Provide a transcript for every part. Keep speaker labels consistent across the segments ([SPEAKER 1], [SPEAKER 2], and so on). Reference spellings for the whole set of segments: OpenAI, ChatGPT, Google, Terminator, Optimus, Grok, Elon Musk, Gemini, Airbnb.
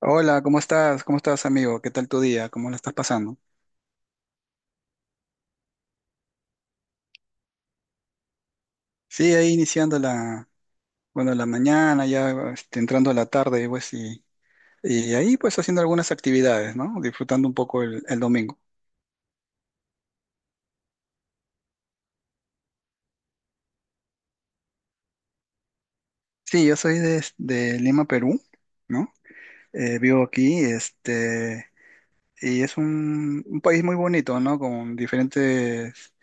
[SPEAKER 1] Hola, ¿cómo estás? ¿Cómo estás, amigo? ¿Qué tal tu día? ¿Cómo lo estás pasando? Sí, ahí iniciando bueno, la mañana, ya entrando a la tarde, pues, y ahí pues haciendo algunas actividades, ¿no? Disfrutando un poco el domingo. Sí, yo soy de Lima, Perú, ¿no? Vivo aquí, y es un país muy bonito, ¿no? Con diferentes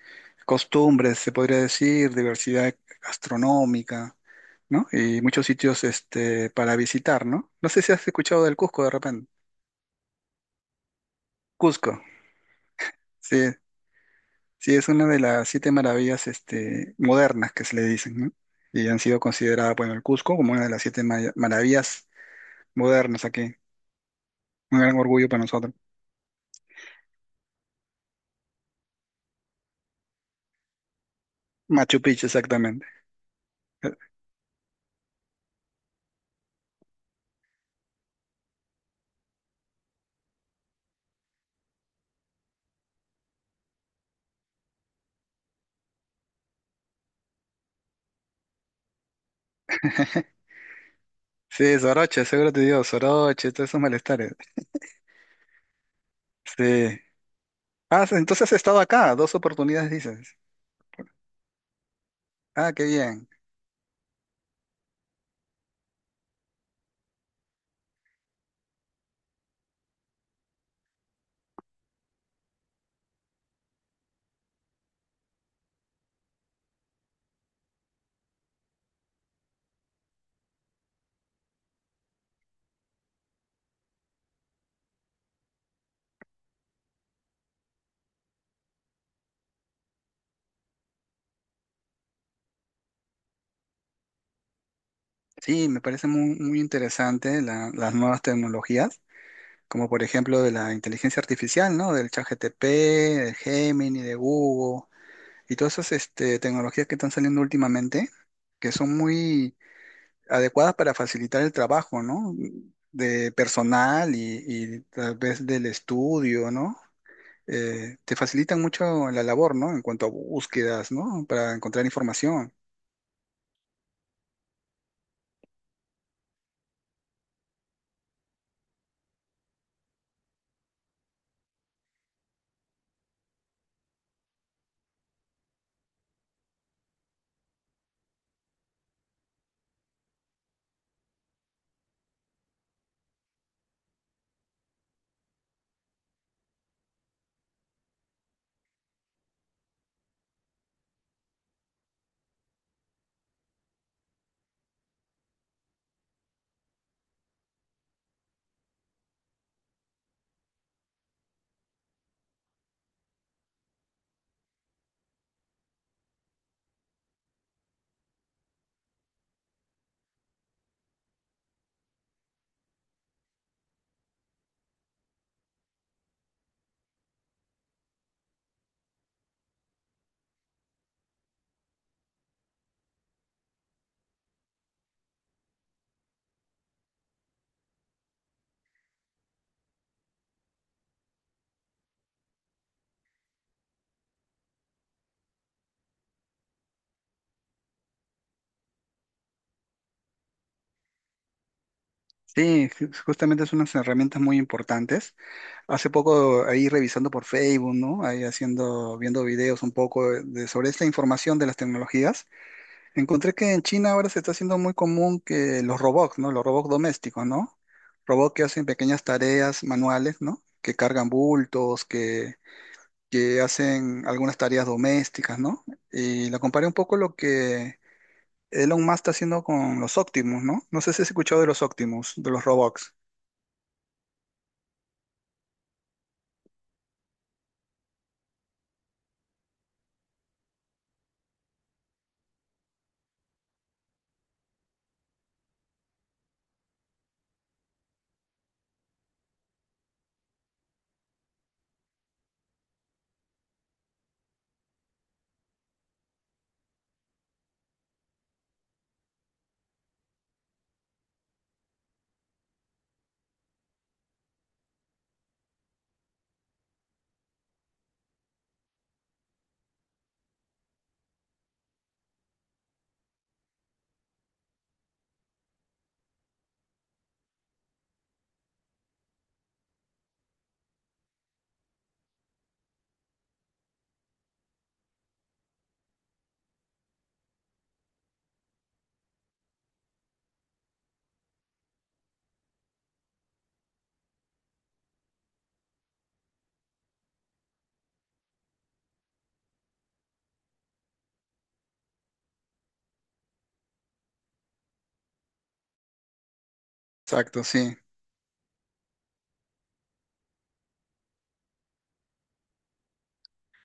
[SPEAKER 1] costumbres, se podría decir, diversidad gastronómica. ¿No? Y muchos sitios este, para visitar, ¿no? No sé si has escuchado del Cusco de repente. Cusco, sí, sí, es una de las siete maravillas este, modernas que se le dicen, ¿no? Y han sido consideradas, bueno, el Cusco como una de las siete maravillas modernas aquí. Un gran orgullo para nosotros. Machu Picchu, exactamente. Sí, Soroche, seguro te digo, Soroche, todos esos malestares. Sí. Ah, entonces has estado acá, dos oportunidades dices. Ah, qué bien. Sí, me parece muy, muy interesante las nuevas tecnologías como por ejemplo de la inteligencia artificial, ¿no? Del ChatGPT, del Gemini, de Google y todas esas este, tecnologías que están saliendo últimamente, que son muy adecuadas para facilitar el trabajo, ¿no? De personal y tal vez del estudio, ¿no? Te facilitan mucho la labor, ¿no? En cuanto a búsquedas, ¿no? Para encontrar información. Sí, justamente son unas herramientas muy importantes. Hace poco ahí revisando por Facebook, ¿no? Ahí haciendo, viendo videos un poco de, sobre esta información de las tecnologías, encontré que en China ahora se está haciendo muy común que los robots, ¿no? Los robots domésticos, ¿no? Robots que hacen pequeñas tareas manuales, ¿no? Que cargan bultos, que hacen algunas tareas domésticas, ¿no? Y la comparé un poco lo que Elon Musk está haciendo con los Optimus, ¿no? No sé si has escuchado de los Optimus, de los robots. Exacto, sí.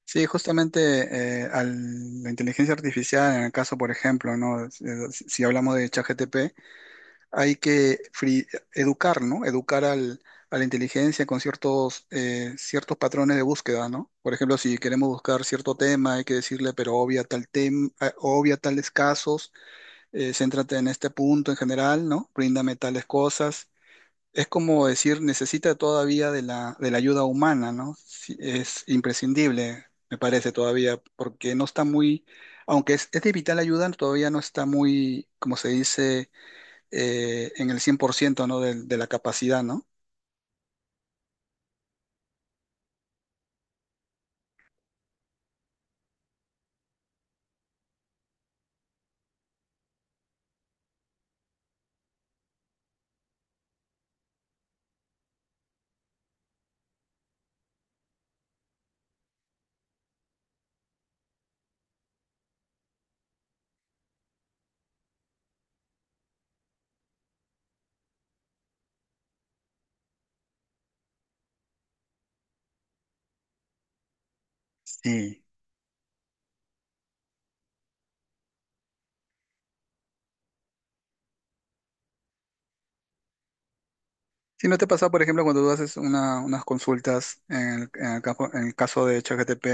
[SPEAKER 1] Sí, justamente la inteligencia artificial, en el caso, por ejemplo, ¿no? Si, si hablamos de ChatGPT, hay que educar, ¿no? Educar a la inteligencia con ciertos, ciertos patrones de búsqueda, ¿no? Por ejemplo, si queremos buscar cierto tema, hay que decirle, pero obvia tal tema, obvia tales casos, céntrate en este punto en general, ¿no? Bríndame tales cosas. Es como decir, necesita todavía de de la ayuda humana, ¿no? Sí, es imprescindible, me parece todavía, porque no está muy, aunque es de vital ayuda, todavía no está muy, como se dice, en el 100%, ¿no? De la capacidad, ¿no? Sí. Si no te pasa, por ejemplo, cuando tú haces unas consultas en el, en el caso de ChatGPT,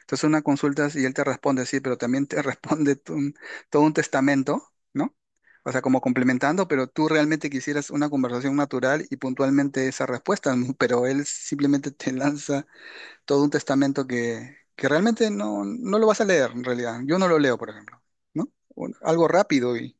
[SPEAKER 1] entonces unas consultas y él te responde, sí, pero también te responde todo un testamento, ¿no? O sea, como complementando, pero tú realmente quisieras una conversación natural y puntualmente esa respuesta, ¿no? Pero él simplemente te lanza todo un testamento que realmente no, no lo vas a leer en realidad. Yo no lo leo, por ejemplo, ¿no? Algo rápido y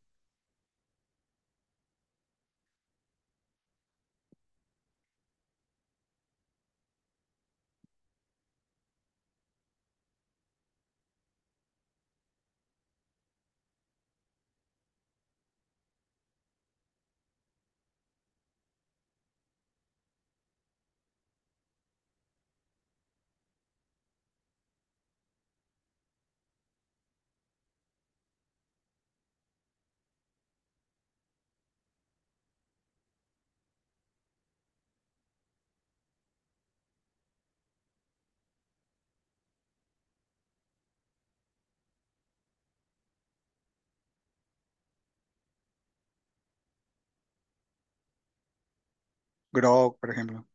[SPEAKER 1] Grok, por ejemplo.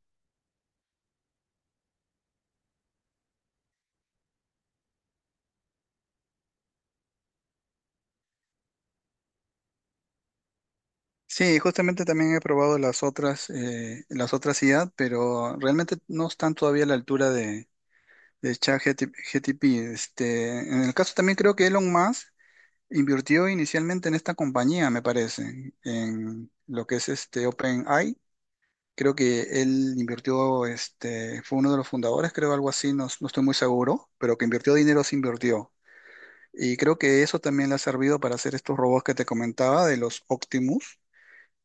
[SPEAKER 1] Sí, justamente también he probado las otras IA, pero realmente no están todavía a la altura de ChatGTP. Este, en el caso también creo que Elon Musk invirtió inicialmente en esta compañía, me parece, en lo que es este OpenAI. Creo que él invirtió, este, fue uno de los fundadores, creo algo así, no, no estoy muy seguro, pero que invirtió dinero, sí invirtió. Y creo que eso también le ha servido para hacer estos robots que te comentaba de los Optimus,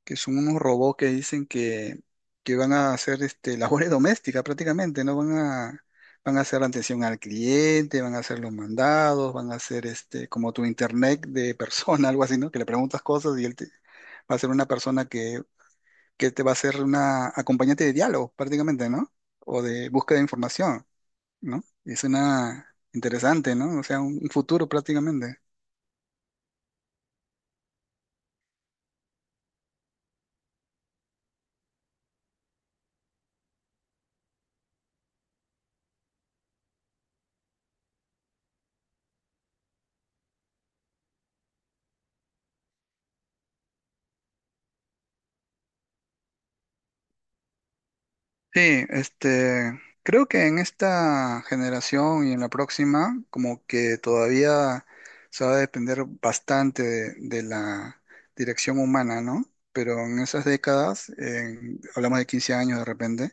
[SPEAKER 1] que son unos robots que dicen que van a hacer este, labores domésticas prácticamente, ¿no? Van a, van a hacer la atención al cliente, van a hacer los mandados, van a hacer este, como tu internet de persona, algo así, ¿no? Que le preguntas cosas y él te, va a ser una persona que te va a ser una acompañante de diálogo prácticamente, ¿no? O de búsqueda de información, ¿no? Es una interesante, ¿no? O sea, un futuro prácticamente. Sí, este, creo que en esta generación y en la próxima, como que todavía se va a depender bastante de la dirección humana, ¿no? Pero en esas décadas, hablamos de 15 años de repente,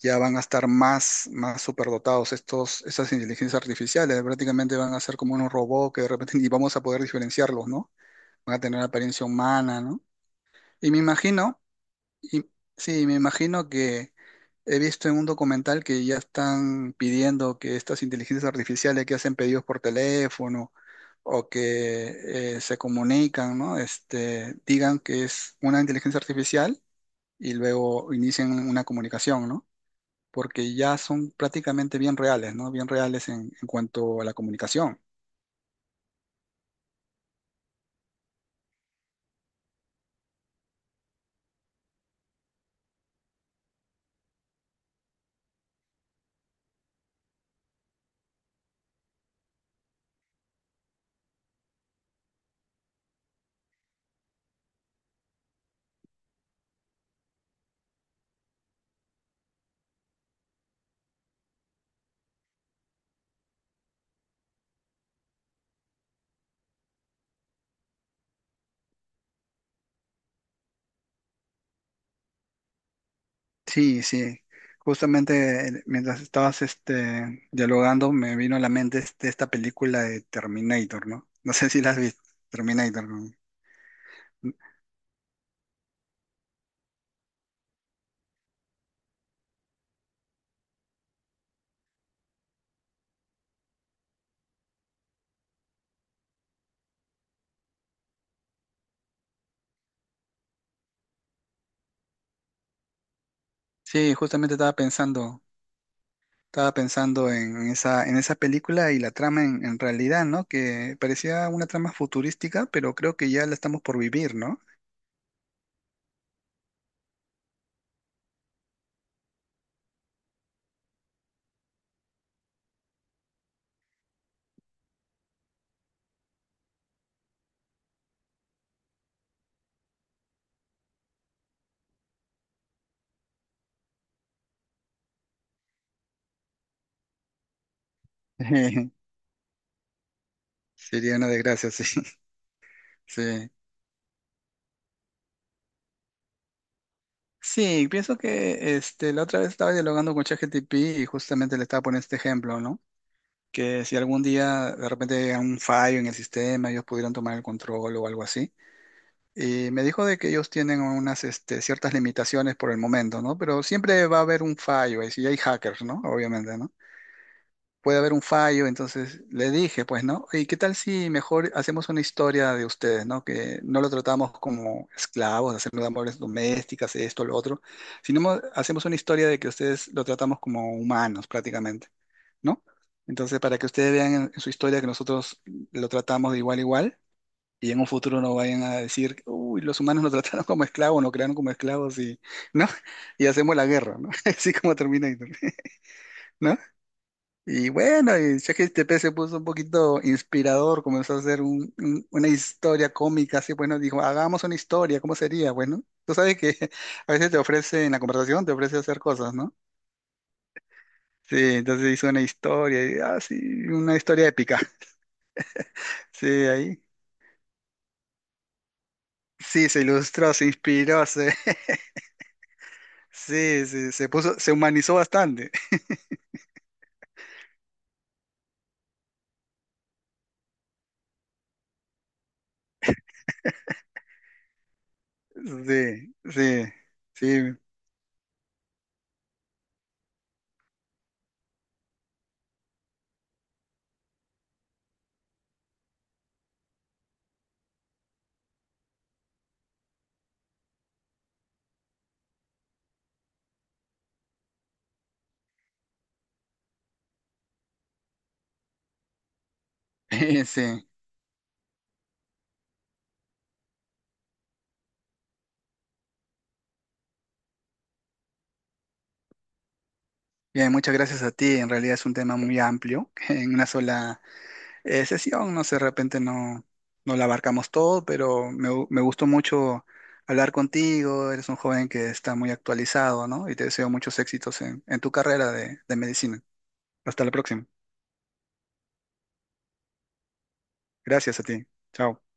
[SPEAKER 1] ya van a estar más, más superdotados estos, estas inteligencias artificiales, prácticamente van a ser como unos robots que de repente ni vamos a poder diferenciarlos, ¿no? Van a tener apariencia humana, ¿no? Y me imagino y- sí, me imagino que he visto en un documental que ya están pidiendo que estas inteligencias artificiales que hacen pedidos por teléfono o que se comunican, ¿no? Este, digan que es una inteligencia artificial y luego inician una comunicación, ¿no? Porque ya son prácticamente bien reales, ¿no? Bien reales en cuanto a la comunicación. Sí, sí. Justamente mientras estabas este, dialogando, me vino a la mente esta película de Terminator, ¿no? No sé si la has visto, Terminator. ¿No? Mm. Sí, justamente estaba pensando en esa película y la trama en realidad, ¿no? Que parecía una trama futurística, pero creo que ya la estamos por vivir, ¿no? Sería una desgracia, sí. Sí. Sí, pienso que este, la otra vez estaba dialogando con ChatGPT y justamente le estaba poniendo este ejemplo, ¿no? Que si algún día de repente llega un fallo en el sistema, ellos pudieran tomar el control o algo así. Y me dijo de que ellos tienen unas este, ciertas limitaciones por el momento, ¿no? Pero siempre va a haber un fallo, y si hay hackers, ¿no? Obviamente, ¿no? Puede haber un fallo, entonces le dije, pues, ¿no? ¿Y qué tal si mejor hacemos una historia de ustedes, ¿no? Que no lo tratamos como esclavos, hacemos labores domésticas, esto, lo otro, sino hacemos una historia de que ustedes lo tratamos como humanos prácticamente. ¿No? Entonces, para que ustedes vean en su historia que nosotros lo tratamos de igual a igual y en un futuro no vayan a decir, uy, los humanos nos trataron como esclavos, nos crearon como esclavos y, ¿no? Y hacemos la guerra, ¿no? Así como Terminator, ¿no? Y bueno, y ChatGPT se puso un poquito inspirador, comenzó a hacer una historia cómica, así, bueno, dijo, hagamos una historia, ¿cómo sería? Bueno, tú sabes que a veces te ofrece, en la conversación te ofrece hacer cosas, ¿no? Sí, entonces hizo una historia, y, ah, sí, una historia épica. Sí, ahí. Sí, se ilustró, se inspiró, se, sí, sí, se puso, se humanizó bastante. Sí, sí, sí, sí. Bien, muchas gracias a ti. En realidad es un tema muy amplio. En una sola sesión, no sé, de repente no, no la abarcamos todo, pero me, me gustó mucho hablar contigo. Eres un joven que está muy actualizado, ¿no? Y te deseo muchos éxitos en tu carrera de medicina. Hasta la próxima. Gracias a ti. Chao.